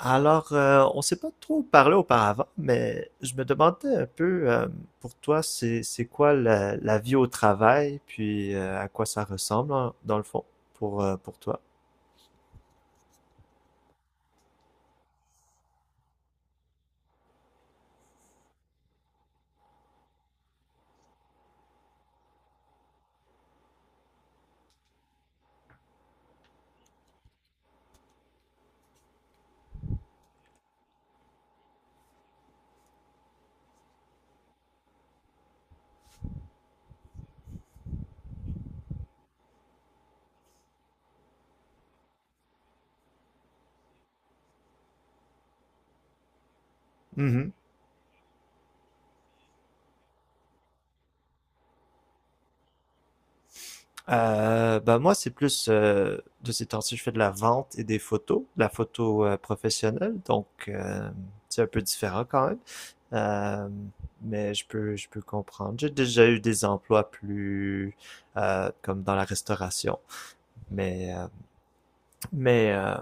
Alors, on s'est pas trop parlé auparavant, mais je me demandais un peu, pour toi, c'est quoi la vie au travail, puis à quoi ça ressemble, hein, dans le fond pour toi. Mhm. Ben moi, c'est plus de ces temps-ci, je fais de la vente et des photos, de la photo professionnelle, donc c'est un peu différent quand même. Euh, mais je peux comprendre. J'ai déjà eu des emplois plus comme dans la restauration. Mais euh, Mais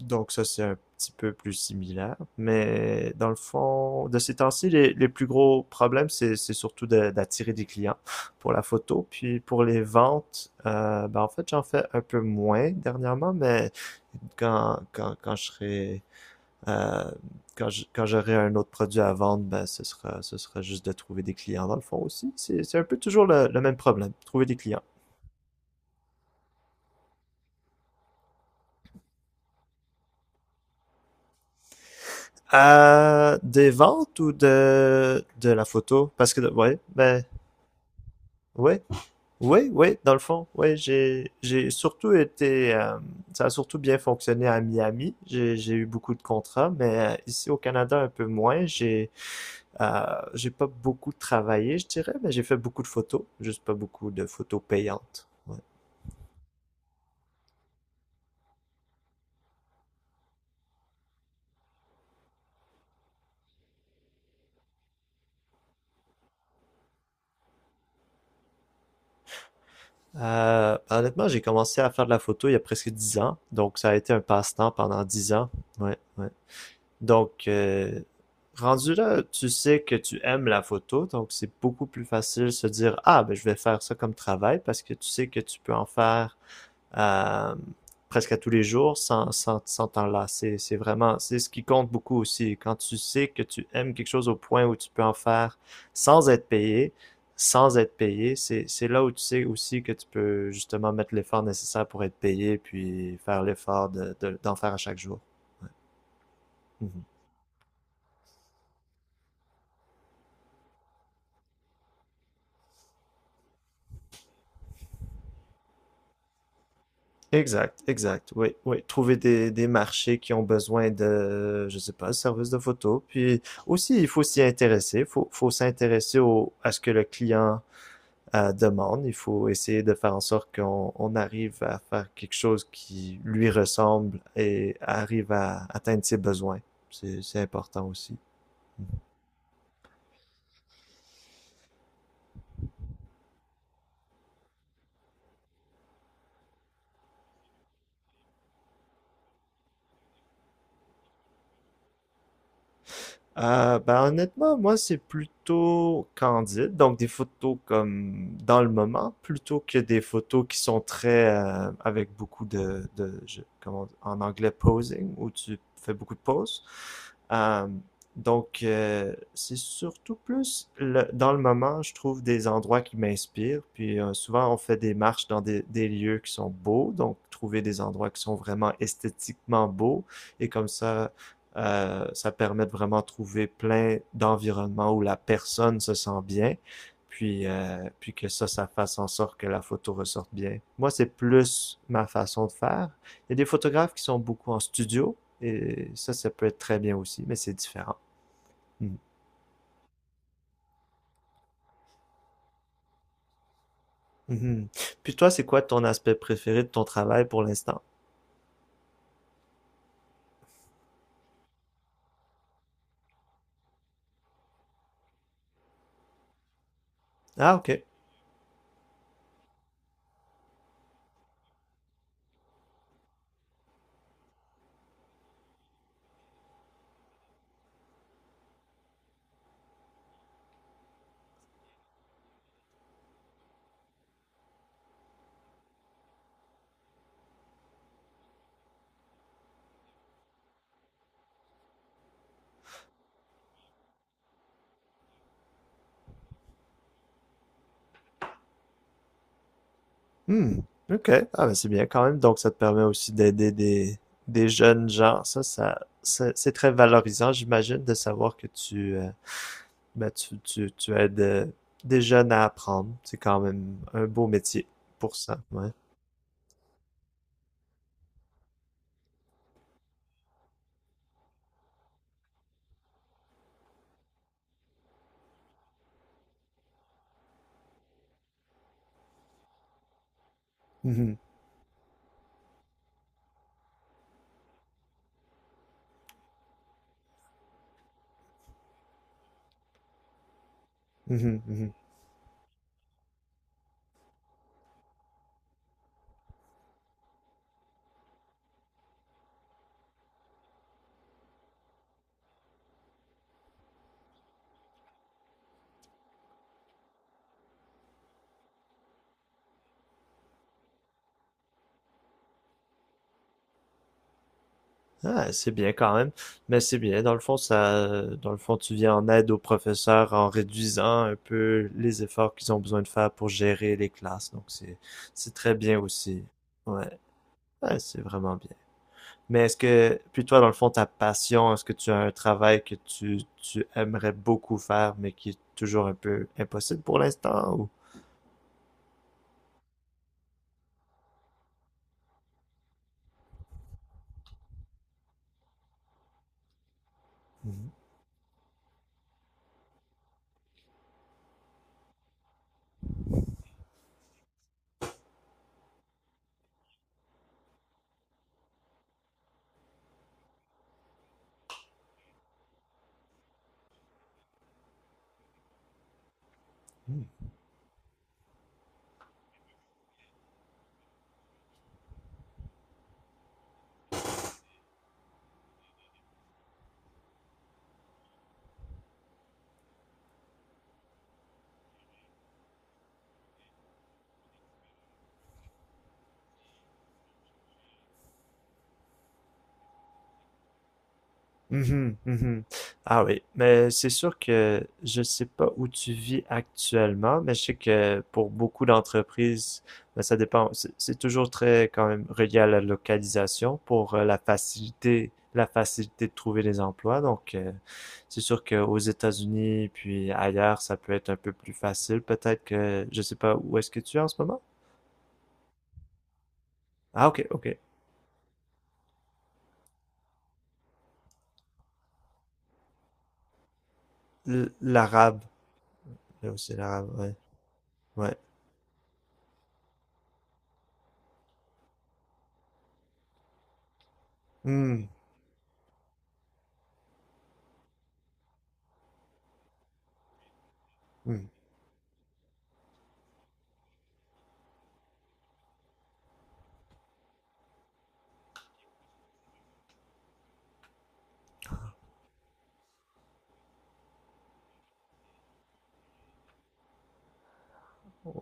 donc ça, c'est un petit peu plus similaire. Mais dans le fond, de ces temps-ci, les plus gros problèmes, c'est surtout d'attirer des clients pour la photo. Puis pour les ventes, ben en fait, j'en fais un peu moins dernièrement, mais quand je serai... euh, quand j'aurai un autre produit à vendre, ben ce sera juste de trouver des clients dans le fond aussi. C'est un peu toujours le même problème, trouver des clients. Des ventes ou de la photo? Parce que, ouais, ben, ouais, oui, oui, dans le fond, oui, j'ai surtout été, ça a surtout bien fonctionné à Miami. J'ai eu beaucoup de contrats, mais ici au Canada un peu moins. J'ai pas beaucoup travaillé, je dirais, mais j'ai fait beaucoup de photos, juste pas beaucoup de photos payantes. Ouais. Ben, honnêtement, j'ai commencé à faire de la photo il y a presque 10 ans, donc ça a été un passe-temps pendant 10 ans. Ouais, ouais. Donc, rendu là, tu sais que tu aimes la photo, donc c'est beaucoup plus facile de se dire, ah, ben, je vais faire ça comme travail parce que tu sais que tu peux en faire euh, presque à tous les jours sans t'enlacer. C'est vraiment, c'est ce qui compte beaucoup aussi. Quand tu sais que tu aimes quelque chose au point où tu peux en faire sans être payé, sans être payé, c'est là où tu sais aussi que tu peux justement mettre l'effort nécessaire pour être payé, puis faire l'effort de, d'en faire à chaque jour. Mhm. Exact, exact. Oui, oui. Trouver des marchés qui ont besoin de, je sais pas, services de photo. Puis aussi, il faut s'y intéresser. Il faut s'intéresser au, à ce que le client demande. Il faut essayer de faire en sorte qu'on on arrive à faire quelque chose qui lui ressemble et arrive à atteindre ses besoins. C'est important aussi. Ben honnêtement, moi c'est plutôt candide, donc des photos comme dans le moment, plutôt que des photos qui sont très avec beaucoup de comment en anglais posing, où tu fais beaucoup de poses. Euh, donc, c'est surtout plus dans le moment, je trouve des endroits qui m'inspirent, puis souvent on fait des marches dans des lieux qui sont beaux, donc trouver des endroits qui sont vraiment esthétiquement beaux, et comme ça ça permet de vraiment trouver plein d'environnements où la personne se sent bien, puis que ça fasse en sorte que la photo ressorte bien. Moi, c'est plus ma façon de faire. Il y a des photographes qui sont beaucoup en studio, et ça peut être très bien aussi, mais c'est différent. Mhm. Mhm. Puis toi, c'est quoi ton aspect préféré de ton travail pour l'instant? Ah, ok. Hmm. OK. Ah, ben c'est bien quand même. Donc, ça te permet aussi d'aider des jeunes gens. Ça, c'est très valorisant, j'imagine, de savoir que tu, tu aides des jeunes à apprendre. C'est quand même un beau métier pour ça. Ouais. Mhm, mhm, mhm. Ah, c'est bien quand même. Mais c'est bien. Dans le fond, ça, dans le fond, tu viens en aide aux professeurs en réduisant un peu les efforts qu'ils ont besoin de faire pour gérer les classes. Donc, c'est très bien aussi. Ouais. Ouais, c'est vraiment bien. Mais est-ce que, puis toi, dans le fond, ta passion, est-ce que tu as un travail que tu aimerais beaucoup faire, mais qui est toujours un peu impossible pour l'instant, ou? Mhm. Mhm, mhm. Ah oui, mais c'est sûr que je sais pas où tu vis actuellement, mais je sais que pour beaucoup d'entreprises, ben, ça dépend. C'est toujours très quand même relié à la localisation pour la facilité de trouver des emplois. Donc, c'est sûr qu'aux États-Unis puis ailleurs, ça peut être un peu plus facile. Peut-être que je sais pas où est-ce que tu es en ce moment. Ah ok, ok. L'arabe, là aussi l'arabe, ouais, ouais. Hmm, hmm.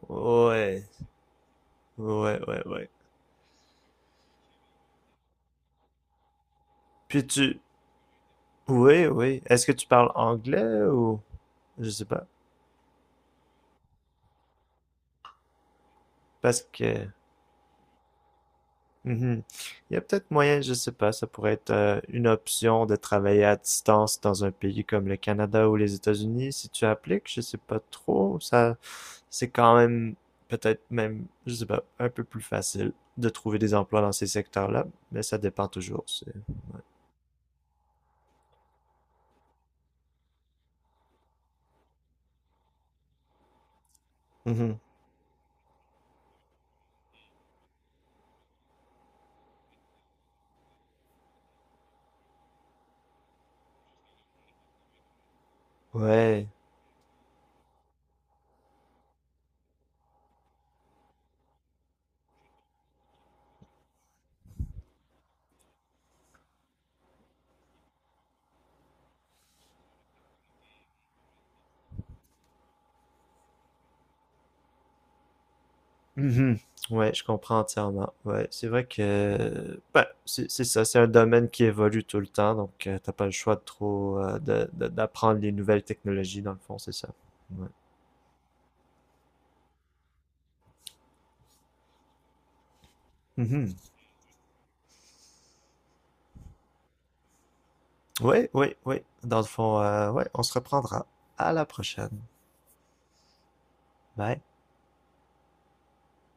Ouais. Ouais, ouais, ouais. Puis tu... Oui, oui. Est-ce que tu parles anglais ou... Je sais pas. Parce que... Mhm. Il y a peut-être moyen, je sais pas, ça pourrait être une option de travailler à distance dans un pays comme le Canada ou les États-Unis. Si tu appliques, je sais pas trop. Ça, c'est quand même peut-être même, je sais pas, un peu plus facile de trouver des emplois dans ces secteurs-là, mais ça dépend toujours. Mhm. Ouais. Mhm. Ouais, je comprends entièrement. Ouais, c'est vrai que ben, c'est ça, c'est un domaine qui évolue tout le temps, donc t'as pas le choix de trop d'apprendre les nouvelles technologies dans le fond, c'est ça. Ouais. Mhm. Oui. Ouais, ouais. Dans le fond, ouais, on se reprendra. À la prochaine. Bye.